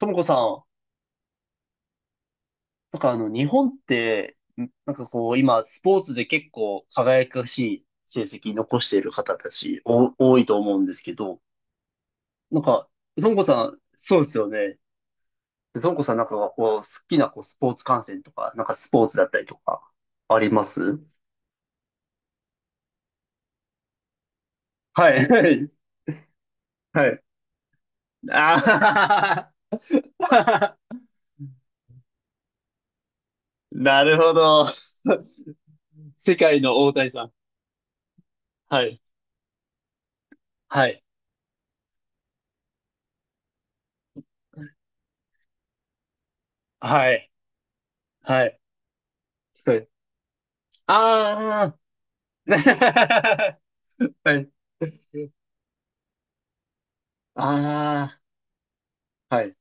ともこさん、なんか日本って、なんかこう、今、スポーツで結構輝かしい成績残している方たち、多いと思うんですけど、なんか、ともこさん、そうですよね。でともこさんなんかはこう、好きなこうスポーツ観戦とか、なんかスポーツだったりとか、あります？はい、はい、はい。あははは なるほど。世界の大谷さん。はい、はい、はい、はい。はい、ああ。はい。ああ、はい。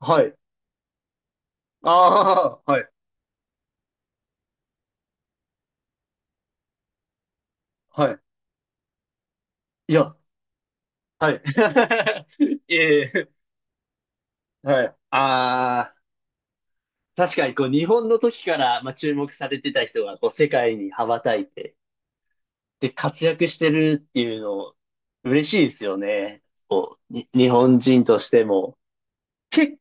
はい。ああ、はい。はい。いや、はい。ええ、はい。ああ、確かにこう日本の時から、まあ、注目されてた人がこう世界に羽ばたいて、で、活躍してるっていうの、嬉しいですよね。こう、日本人としても。け、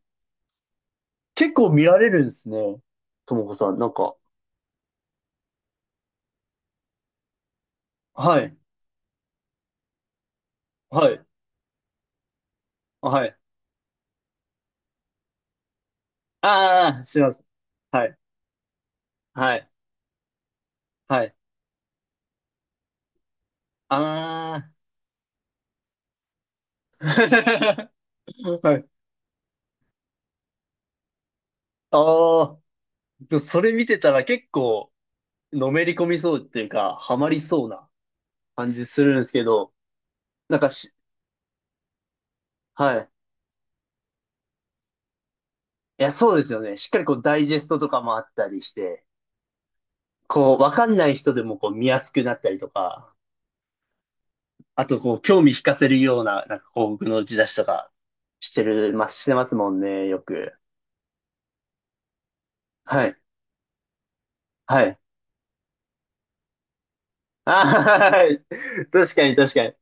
結構見られるんですね。ともこさん、なんか。はい。はい。はい。ああ、します。はい。はい。はい。ああ。はい。ああ。でもそれ見てたら結構、のめり込みそうっていうか、ハマりそうな感じするんですけど、なんかはい。いや、そうですよね。しっかりこう、ダイジェストとかもあったりして、こう、わかんない人でもこう、見やすくなったりとか、あとこう、興味引かせるような、なんかこう、僕の打ち出しとか、してる、ま、してますもんね、よく。はい。はい。あー、はい。確かに、確かに。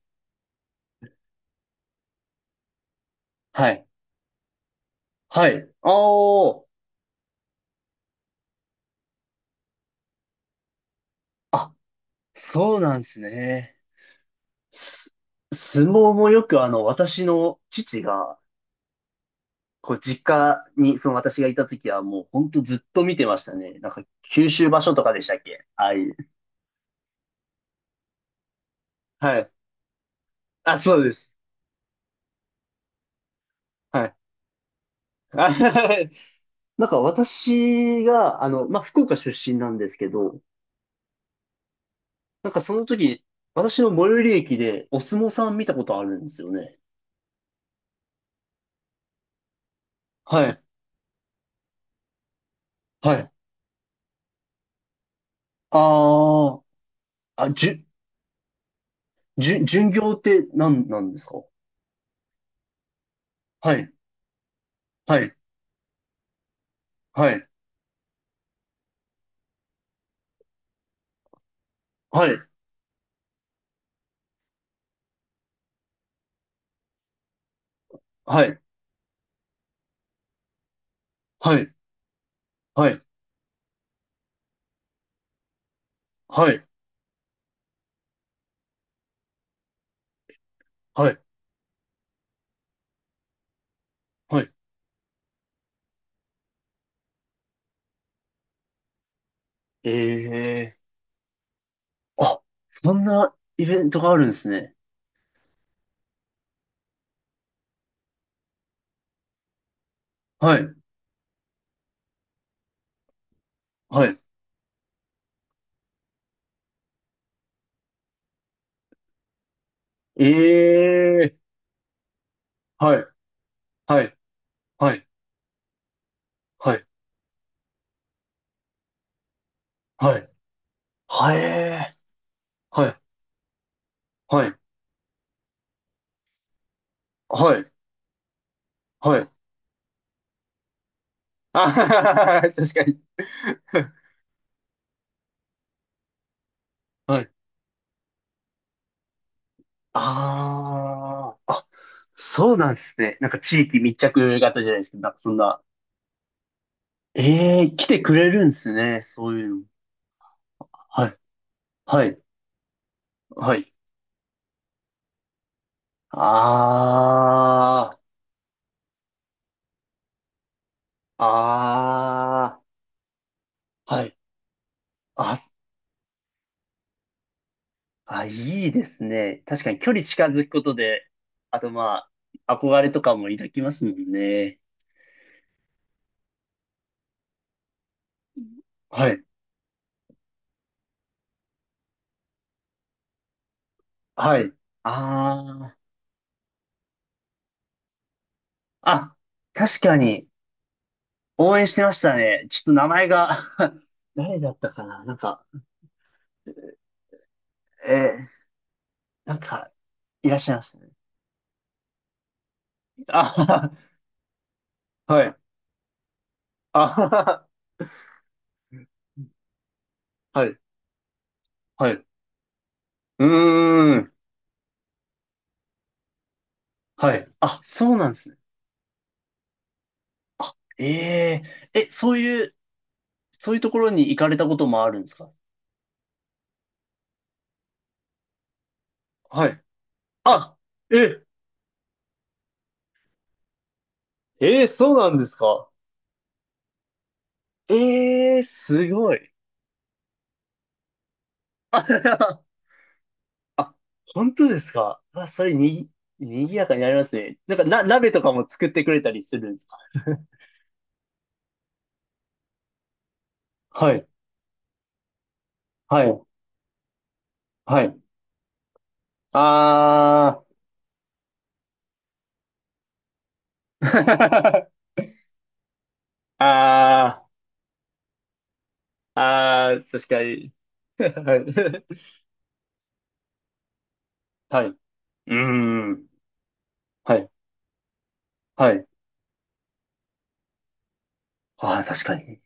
はい。はい。ああ。そうなんですね。す相撲もよく私の父が、こう、実家に、その私がいた時はもうほんとずっと見てましたね。なんか、九州場所とかでしたっけ、ああいう。はい。あ、そうです。はい。あ なんか私が、まあ、福岡出身なんですけど、なんかその時、私の最寄り駅でお相撲さん見たことあるんですよね。はい。はい。ああ、あ、じゅ、じゅ、巡業って何なんですか？はい。はい。はい、はい、はい、はい、はい、はい、はい、はい。ええー、あ、そんなイベントがあるんですね。はい、はい。ええー、はい、はい、はい、はい、はい、はい、えー、はい、はい、はい、はい。あはははは、確かに。はい。ああ、そうなんですね。なんか地域密着型じゃないですけど、なんかそんな。ええー、来てくれるんですね。そういうの。はい、はい、はい。ああ、ああ、はい。あ、あ、いいですね。確かに距離近づくことで、あとまあ、憧れとかも抱きますもんね。はい。はい。ああ、あ、確かに、応援してましたね。ちょっと名前が 誰だったかな、なんか、えー、なんか、いらっしゃいましたね。あはは はい。あ はは、はい。はい。うーん。はい。あ、そうなんですね。あ、えええ、そういうところに行かれたこともあるんですか？はい。あ、え、そうなんですか？ええ、すごい。あ、あ、本当ですか、あ、それに、賑やかになりますね。なんか、鍋とかも作ってくれたりするんですか？ はい、はい、はい。あー、あー、あー、確かに。はい。はい。うーん。はい。はい。ああ、確かに。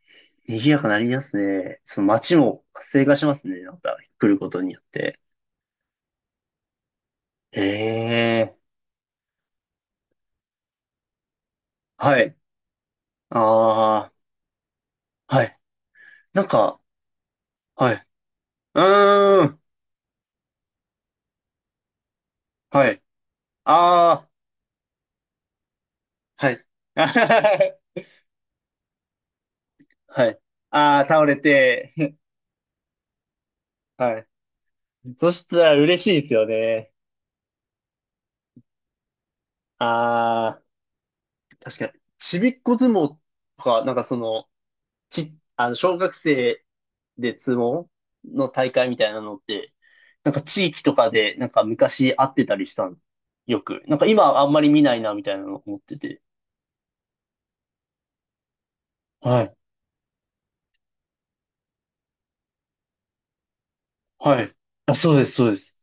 賑やかになりますね。その街も活性化しますね。なんか、来ることによって。へえ。はい。ああ、はい。なんか、はい。うーん。はい。ああ、はい。あはは、はい。ああ、倒れて。はい。そしたら嬉しいですよね。ああ、確かに。ちびっこ相撲とか、なんかその、ち、あの、小学生で相撲の大会みたいなのって、なんか地域とかで、なんか昔会ってたりしたの。よく。なんか今あんまり見ないな、みたいなの思ってて。はい。はい。あ、そうです、そうです。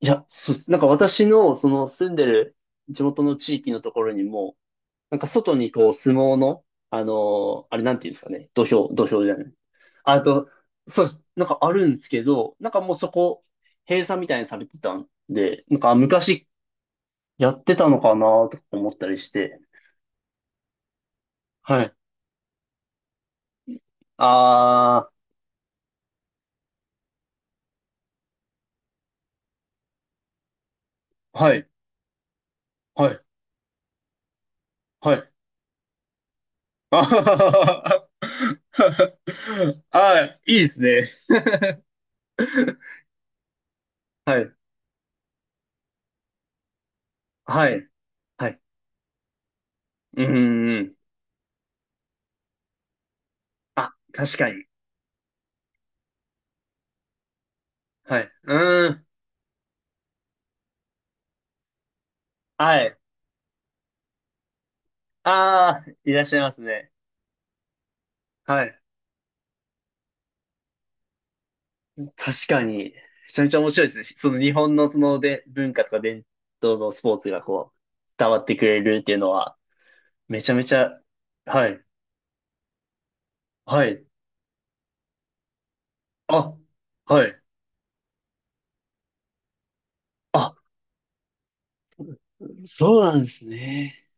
いや、そうです。なんか私の、その住んでる地元の地域のところにも、なんか外にこう相撲の、あのあれなんていうんですかね。土俵、土俵じゃない。あと、そうです。なんかあるんですけど、なんかもうそこ、閉鎖みたいにされてたんで、なんか昔やってたのかなとか思ったりして。はい。あー、はい、はい、はい。あはははは、あー、いいですね。はい、はい、はい。うん、うん。あ、確かに。はい。うーん、はい。あー、いらっしゃいますね。はい。確かに。めちゃめちゃ面白いですね。その日本のそので文化とか伝統のスポーツがこう、伝わってくれるっていうのは、めちゃめちゃ、はい、はい。あ、はい。あ、そうなんですね。